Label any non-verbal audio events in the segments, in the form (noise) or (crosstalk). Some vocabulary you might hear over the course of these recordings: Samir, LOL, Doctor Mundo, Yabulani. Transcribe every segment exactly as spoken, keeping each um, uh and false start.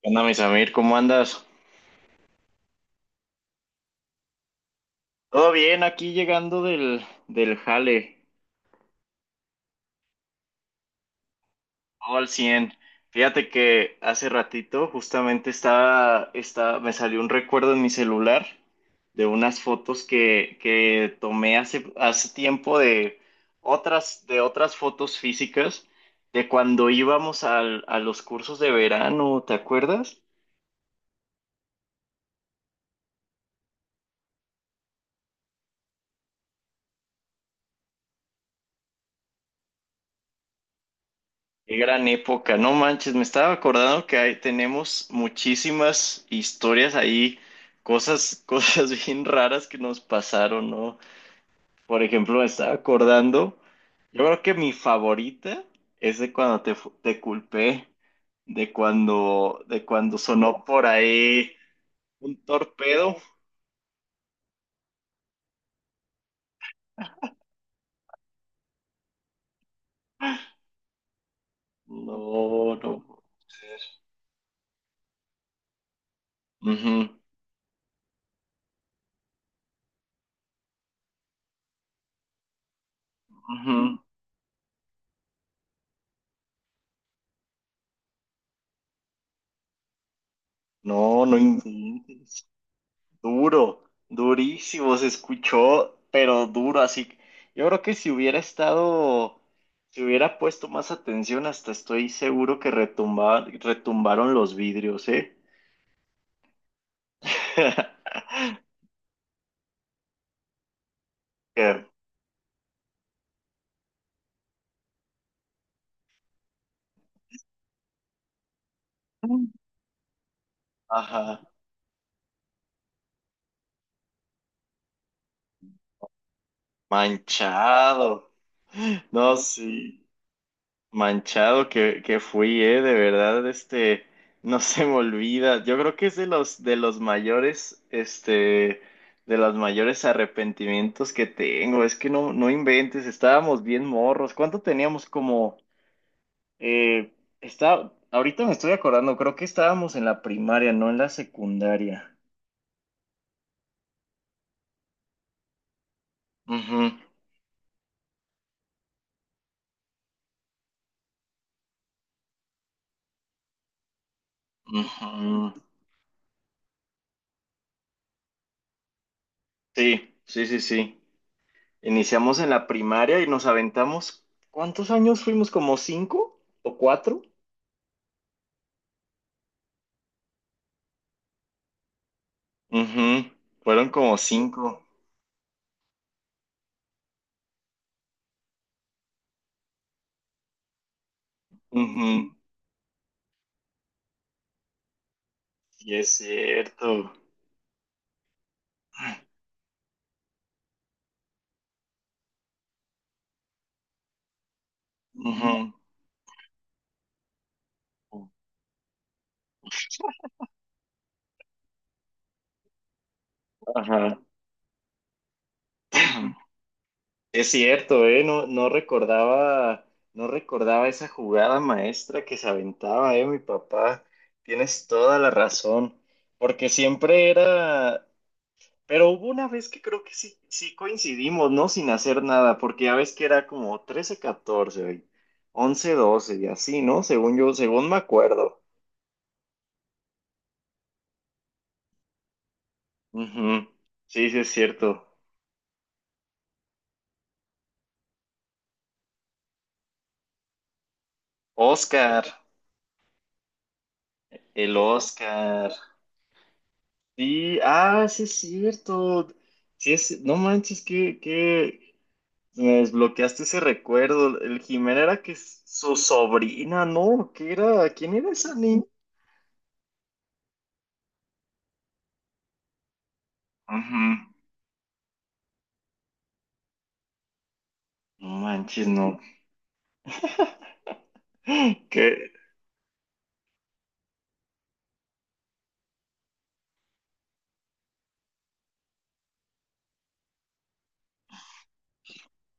¿Qué onda, mi Samir? ¿Cómo andas? Todo bien, aquí llegando del, del jale, todo al cien. Fíjate que hace ratito justamente estaba, estaba, me salió un recuerdo en mi celular de unas fotos que, que tomé hace, hace tiempo de otras, de otras fotos físicas de cuando íbamos al- a los cursos de verano, ¿te acuerdas? Qué gran época, no manches, me estaba acordando que ahí tenemos muchísimas historias ahí, cosas, cosas (laughs) bien raras que nos pasaron, ¿no? Por ejemplo, me estaba acordando, yo creo que mi favorita es de cuando te, fu- te culpé, de cuando, de cuando sonó por ahí un torpedo. No, no. Ujú, ujú. No, no inventes. Duro, durísimo, se escuchó, pero duro, así. Yo creo que si hubiera estado, si hubiera puesto más atención, hasta estoy seguro que retumba- retumbaron los vidrios, ¿eh? (laughs) Que- Ajá, manchado. No, sí. Manchado que, que fui, eh, de verdad, este, no se me olvida. Yo creo que es de los, de los mayores, este, de los mayores arrepentimientos que tengo. Es que no, no inventes, estábamos bien morros. ¿Cuánto teníamos como, eh, está, ahorita me estoy acordando, creo que estábamos en la primaria, no en la secundaria. Ujú, ujú. Sí, sí, sí, sí. Iniciamos en la primaria y nos aventamos, ¿cuántos años fuimos? ¿Como cinco o cuatro? Ujú. Fueron como cinco. Ujú. Sí, es cierto. Ujú. Ajá. Es cierto, ¿eh? No, no recordaba, no recordaba esa jugada maestra que se aventaba, ¿eh? Mi papá. Tienes toda la razón. Porque siempre era. Pero hubo una vez que creo que sí, sí coincidimos, ¿no? Sin hacer nada, porque ya ves que era como trece catorce once doce y así, ¿no? Según yo, según me acuerdo. Ujú. Sí, sí es cierto. Oscar, el Oscar. Sí, ah, sí es cierto. Sí es, no manches, que, que me desbloqueaste ese recuerdo. El Jimena era que s- su sobrina, ¿no? ¿Qué era? ¿Quién era esa niña? Ujú. No manches, no. (gasps) Que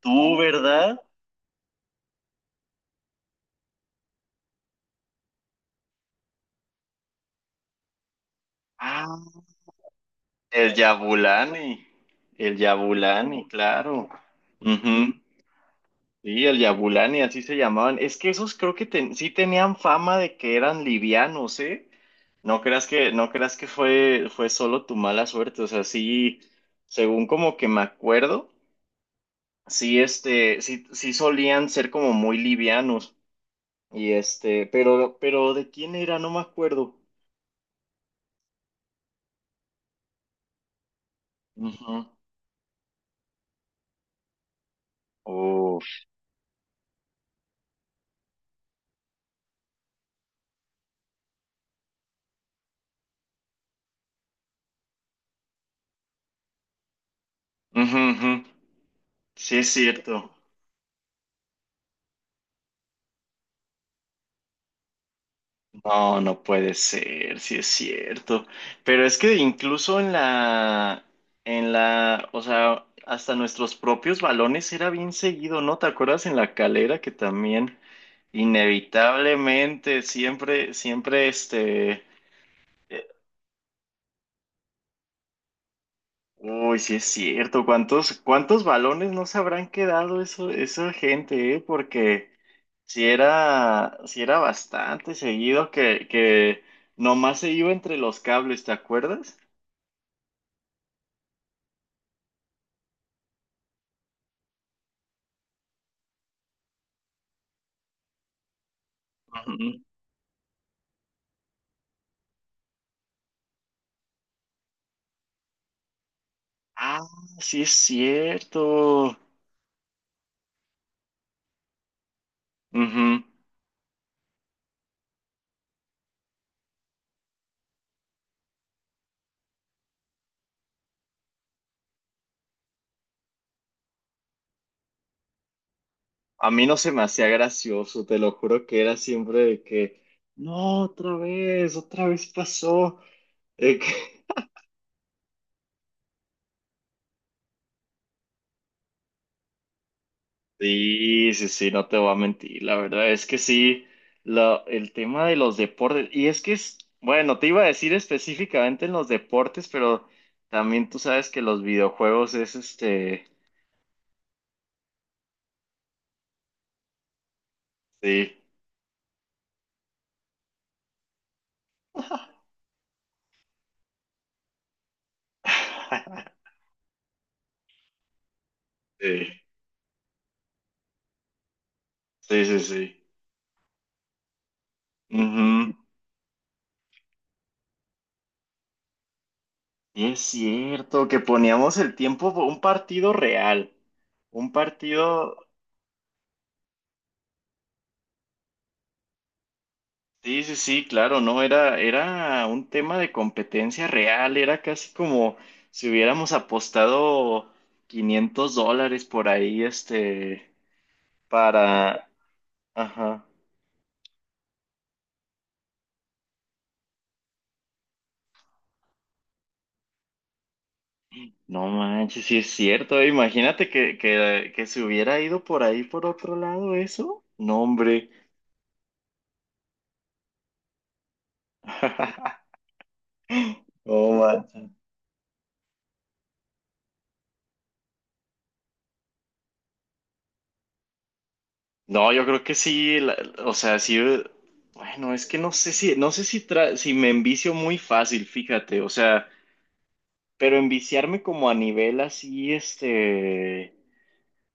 tú, ¿verdad? Ah, el Yabulani. El Yabulani, claro. Ujú. Sí, el Yabulani, así se llamaban. Es que esos creo que ten- sí tenían fama de que eran livianos, ¿eh? No creas que, no creas que fue, fue solo tu mala suerte. O sea, sí, según como que me acuerdo, sí, este, sí, sí solían ser como muy livianos. Y este, pero, pero ¿de quién era? No me acuerdo. Ujú. Oh. Ujú, ujú. Sí, es cierto. No, no puede ser, sí es cierto. Pero es que incluso en la, en la, o sea, hasta nuestros propios balones era bien seguido, ¿no? ¿Te acuerdas en la calera que también inevitablemente siempre, siempre este, eh, uy, sí es cierto. ¿Cuántos, cuántos balones no se habrán quedado eso, esa gente, eh? Porque si era, si era bastante seguido que, que nomás se iba entre los cables, ¿te acuerdas? Ujú. Ah, sí es cierto. Ujú. A mí no se me hacía gracioso, te lo juro que era siempre de que, no, otra vez, otra vez pasó. Eh, que- (laughs) Sí, sí, sí, no te voy a mentir, la verdad es que sí, la- el tema de los deportes, y es que es, bueno, te iba a decir específicamente en los deportes, pero también tú sabes que los videojuegos es este, sí. (laughs) Sí, sí, sí, sí. Es cierto que poníamos el tiempo por un partido real, un partido, sí, sí, sí, claro, no, era, era un tema de competencia real, era casi como si hubiéramos apostado quinientos dólares por ahí, este, para, ajá, no manches, sí es cierto, eh, imagínate que, que, que se hubiera ido por ahí por otro lado eso, no, hombre, (laughs) no manches. No, yo creo que sí, la- o sea, sí, eh, bueno, es que no sé si, no sé si, tra- si me envicio muy fácil, fíjate, o sea, pero enviciarme como a nivel así, este,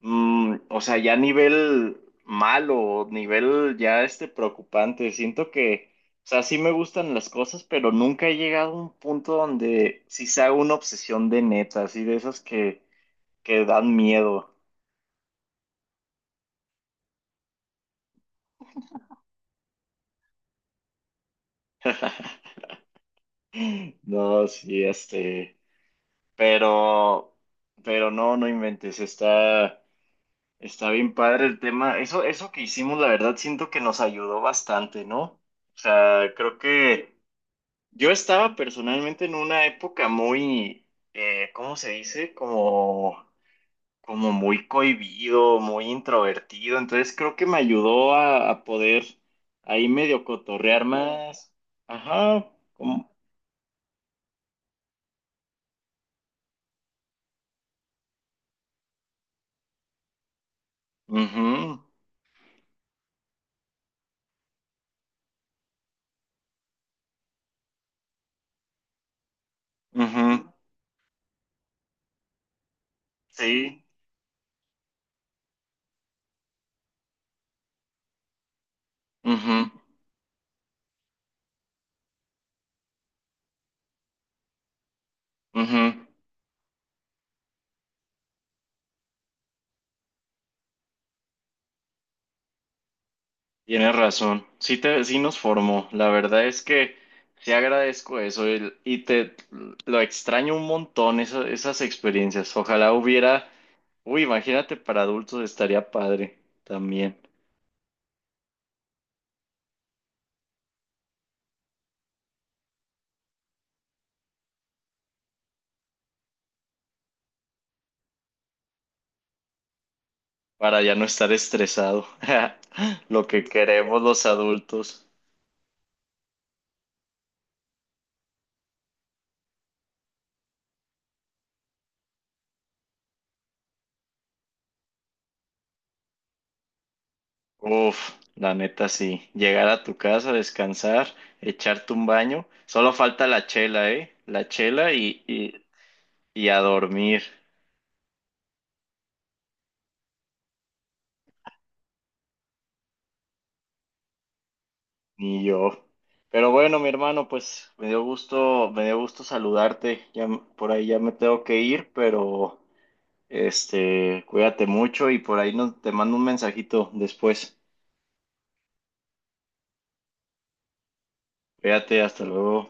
mm, o sea, ya a nivel malo, nivel ya este preocupante, siento que, o sea, sí me gustan las cosas, pero nunca he llegado a un punto donde sí se haga una obsesión de neta, así de esas que, que dan miedo. (laughs) No, sí, este. Pero, pero no, no inventes, está, está bien padre el tema. Eso, eso que hicimos, la verdad, siento que nos ayudó bastante, ¿no? O sea, creo que yo estaba personalmente en una época muy, eh, ¿cómo se dice? Como, como muy cohibido, muy introvertido. Entonces creo que me ayudó a, a poder ahí medio cotorrear más. Ajá, como, mhm, mhm, sí, mhm, mhm. Tienes razón, sí, te, sí nos formó. La verdad es que sí agradezco eso el- y te lo extraño un montón esa- esas experiencias. Ojalá hubiera, uy, imagínate para adultos estaría padre también, para ya no estar estresado. (laughs) Lo que queremos los adultos. Uf, la neta sí. Llegar a tu casa, descansar, echarte un baño. Solo falta la chela, ¿eh? La chela y, y, y a dormir. Ni yo. Pero bueno, mi hermano, pues me dio gusto, me dio gusto saludarte. Ya m- por ahí ya me tengo que ir, pero este, cuídate mucho y por ahí no, te mando un mensajito después. Cuídate, hasta luego.